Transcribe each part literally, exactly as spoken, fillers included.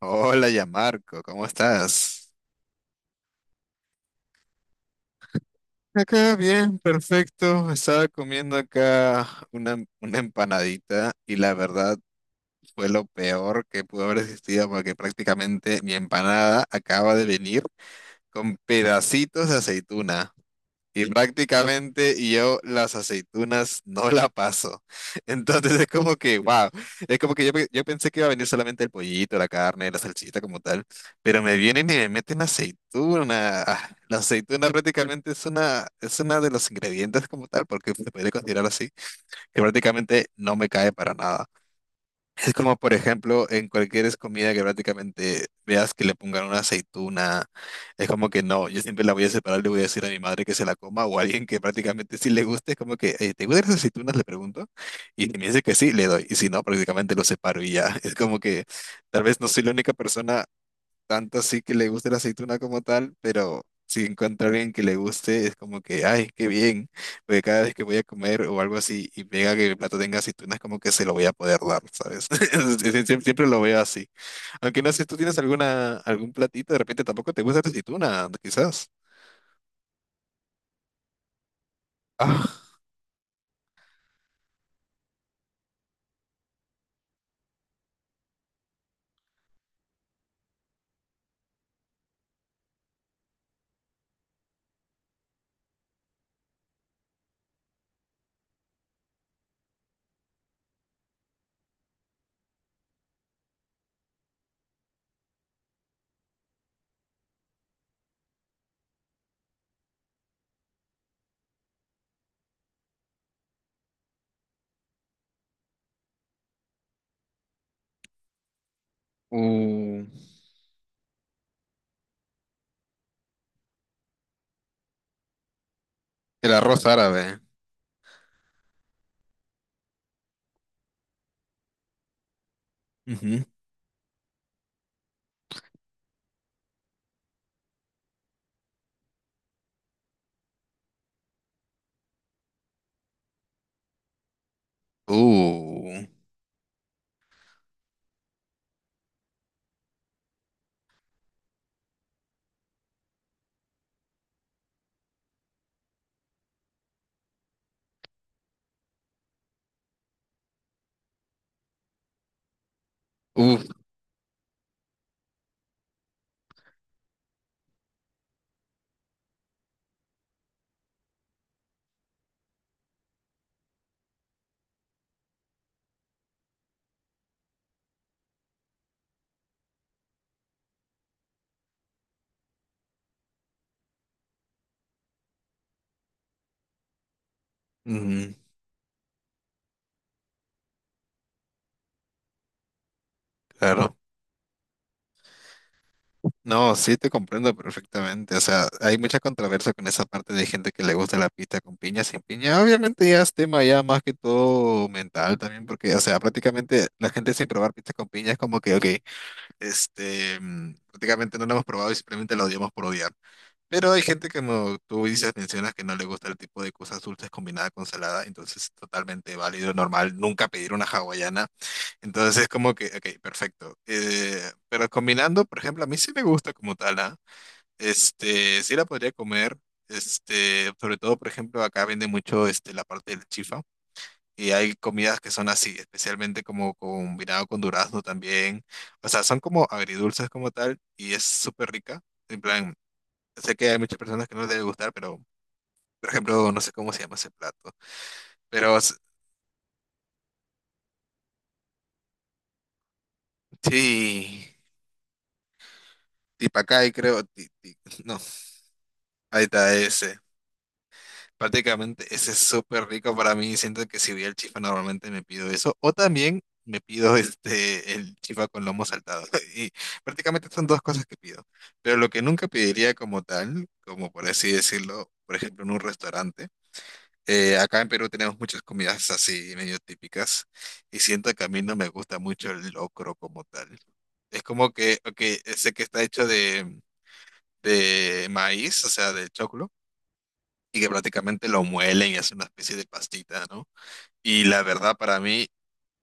Hola, ya Marco, ¿cómo estás? Acá bien, perfecto. Estaba comiendo acá una, una empanadita y la verdad fue lo peor que pudo haber existido porque prácticamente mi empanada acaba de venir con pedacitos de aceituna. Y prácticamente yo las aceitunas no la paso. Entonces es como que, wow, es como que yo, pe- yo pensé que iba a venir solamente el pollito, la carne, la salsita como tal, pero me vienen y me meten aceituna. Ah, la aceituna prácticamente es una, es una de los ingredientes como tal, porque se puede considerar así, que prácticamente no me cae para nada. Es como, por ejemplo, en cualquier comida que prácticamente veas que le pongan una aceituna, es como que no, yo siempre la voy a separar, le voy a decir a mi madre que se la coma o a alguien que prácticamente sí le guste, es como que, "Eh, ¿te gustan las aceitunas?" Le pregunto, y si me dice que sí, le doy, y si no, prácticamente lo separo y ya. Es como que tal vez no soy la única persona tanto así que le guste la aceituna como tal, pero si encuentro a alguien que le guste, es como que, ay, qué bien, porque cada vez que voy a comer o algo así y pega que el plato tenga aceitunas, como que se lo voy a poder dar, ¿sabes? Sie- sie- Siempre lo veo así. Aunque no sé si tú tienes alguna, algún platito, de repente tampoco te gusta la aceituna, quizás. Ah, uh, el arroz árabe. Ujú. Uh, uf, Ujú, claro. No, sí te comprendo perfectamente. O sea, hay mucha controversia con esa parte de gente que le gusta la pizza con piña, sin piña. Obviamente ya es tema ya más que todo mental también, porque, o sea, prácticamente la gente sin probar pizza con piña es como que, ok, este, mm, prácticamente no la hemos probado y simplemente la odiamos por odiar. Pero hay gente que, como tú dices, mencionas que no le gusta el tipo de cosas dulces combinadas con salada, entonces es totalmente válido, normal, nunca pedir una hawaiana. Entonces es como que, ok, perfecto. Eh, pero combinando, por ejemplo, a mí sí me gusta como tal, ¿ah? Este, sí la podría comer. Este, sobre todo, por ejemplo, acá vende mucho este, la parte del chifa. Y hay comidas que son así, especialmente como combinado con durazno también. O sea, son como agridulces como tal y es súper rica. En plan, sé que hay muchas personas que no les debe gustar, pero, por ejemplo, no sé cómo se llama ese plato. Pero s- sí, tipacay creo. Ti- ti- no, ahí está ese. Prácticamente ese es súper rico para mí. Siento que si voy al chifa normalmente me pido eso. O también me pido este, el chifa con lomo saltado. Y prácticamente son dos cosas que pido. Pero lo que nunca pediría como tal, como por así decirlo, por ejemplo en un restaurante. Eh, acá en Perú tenemos muchas comidas así medio típicas. Y siento que a mí no me gusta mucho el locro como tal. Es como que, ok, sé que está hecho de, de maíz, o sea, de choclo y que prácticamente lo muelen y hacen una especie de pastita, ¿no? Y la verdad para mí,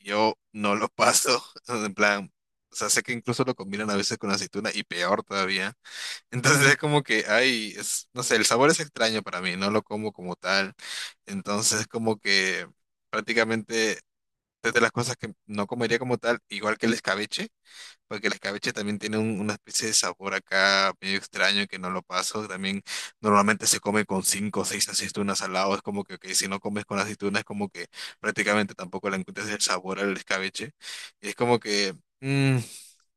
yo no lo paso, en plan, o sea, sé que incluso lo combinan a veces con aceituna y peor todavía. Entonces es como que, ay, es, no sé, el sabor es extraño para mí, no lo como como tal. Entonces como que prácticamente es de las cosas que no comería como tal, igual que el escabeche porque el escabeche también tiene un- una especie de sabor acá medio extraño que no lo paso. También normalmente se come con cinco o seis aceitunas al lado. Es como que, ok, si no comes con aceitunas, es como que prácticamente tampoco le encuentras el sabor al escabeche. Y es como que mm,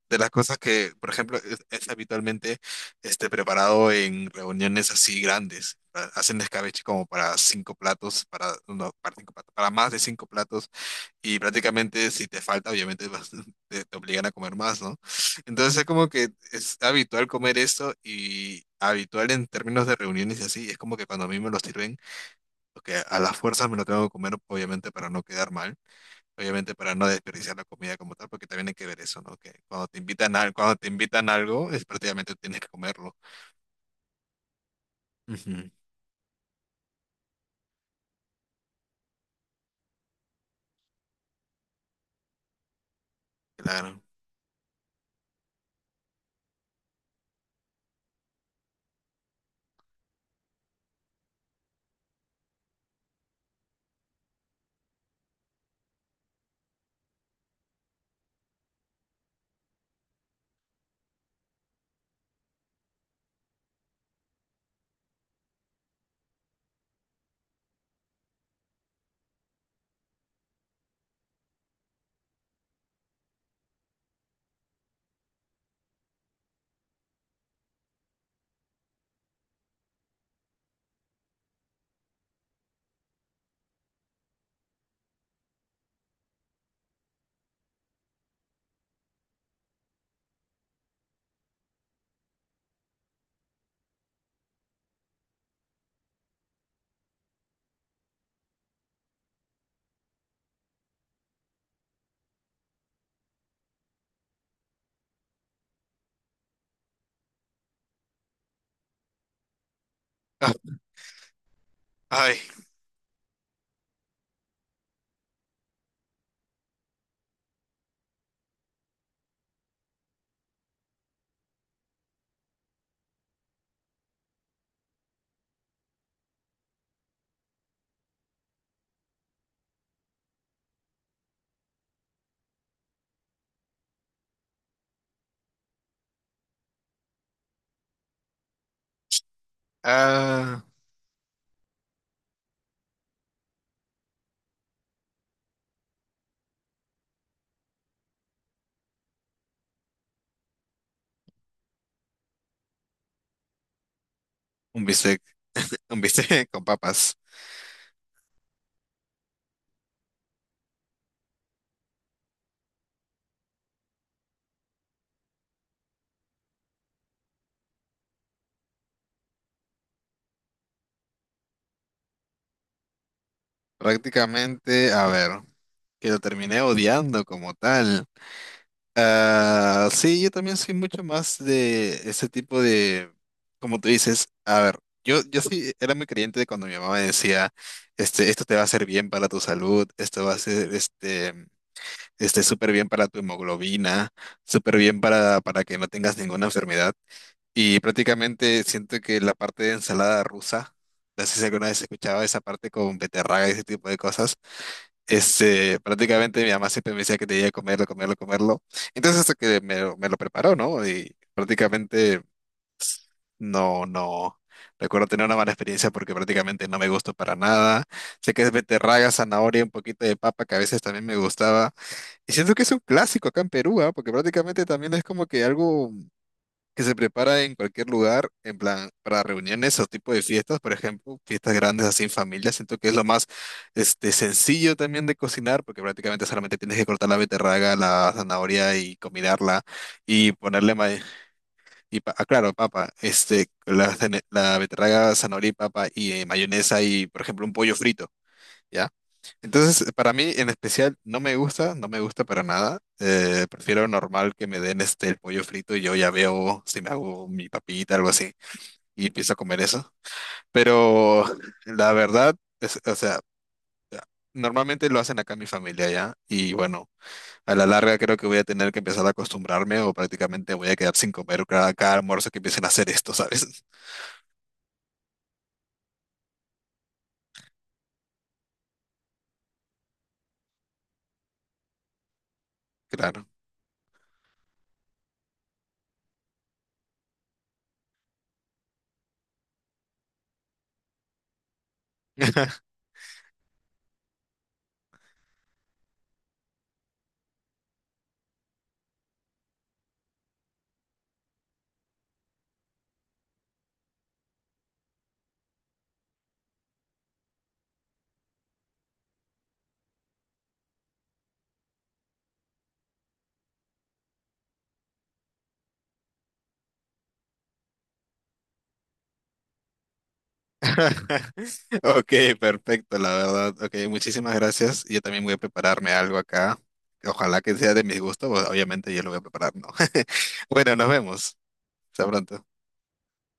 de las cosas que, por ejemplo, es, es habitualmente este, preparado en reuniones así grandes. Ha- Hacen escabeche como para cinco platos, para, no, para cinco platos, para más de cinco platos y prácticamente si te falta, obviamente vas- te, te obligan a comer más, ¿no? Entonces es como que es habitual comer esto y habitual en términos de reuniones y así. Es como que cuando a mí me lo sirven, porque a las fuerzas me lo tengo que comer, obviamente para no quedar mal, obviamente para no desperdiciar la comida como tal, porque también hay que ver eso, ¿no? Que cuando te invitan a, cuando te invitan algo, es prácticamente tienes que comerlo. Ujú, claro. Ah, ay, ah, un bistec, un bistec con papas. Prácticamente, a ver. Que lo terminé odiando como tal. Ah, sí, yo también soy mucho más de ese tipo de, como tú dices, a ver, yo, yo sí era muy creyente de cuando mi mamá me decía, este, esto te va a hacer bien para tu salud, esto va a ser, este, este, súper bien para tu hemoglobina, súper bien para, para que no tengas ninguna enfermedad. Y prácticamente siento que la parte de ensalada rusa, no sé si alguna vez escuchaba esa parte con beterraga y ese tipo de cosas. Este, prácticamente mi mamá siempre me decía que tenía que comerlo, comerlo, comerlo. Entonces hasta que me, lo- me lo preparó, ¿no? Y prácticamente no, no. Recuerdo tener una mala experiencia porque prácticamente no me gustó para nada. Sé que es beterraga, zanahoria, un poquito de papa que a veces también me gustaba. Y siento que es un clásico acá en Perú, ¿ah? Porque prácticamente también es como que algo que se prepara en cualquier lugar, en plan, para reuniones o tipo de fiestas, por ejemplo, fiestas grandes así en familia. Siento que es lo más este, sencillo también de cocinar, porque prácticamente solamente tienes que cortar la beterraga, la zanahoria y combinarla y ponerle, ma- y pa- ah, claro, papa, este, la, zane- la beterraga, zanahoria y papa y eh, mayonesa y, por ejemplo, un pollo frito. ¿Ya? Entonces, para mí en especial no me gusta, no me gusta para nada. Eh, prefiero normal que me den este el pollo frito y yo ya veo si me hago mi papita, algo así, y empiezo a comer eso. Pero la verdad, es, o sea, normalmente lo hacen acá en mi familia ya, y bueno, a la larga creo que voy a tener que empezar a acostumbrarme o prácticamente voy a quedar sin comer cada, cada almuerzo que empiecen a hacer esto, ¿sabes? Claro. Ok, perfecto, la verdad. Ok, muchísimas gracias. Yo también voy a prepararme algo acá. Ojalá que sea de mi gusto, pues, obviamente yo lo voy a preparar, ¿no? Bueno, nos vemos. Hasta pronto.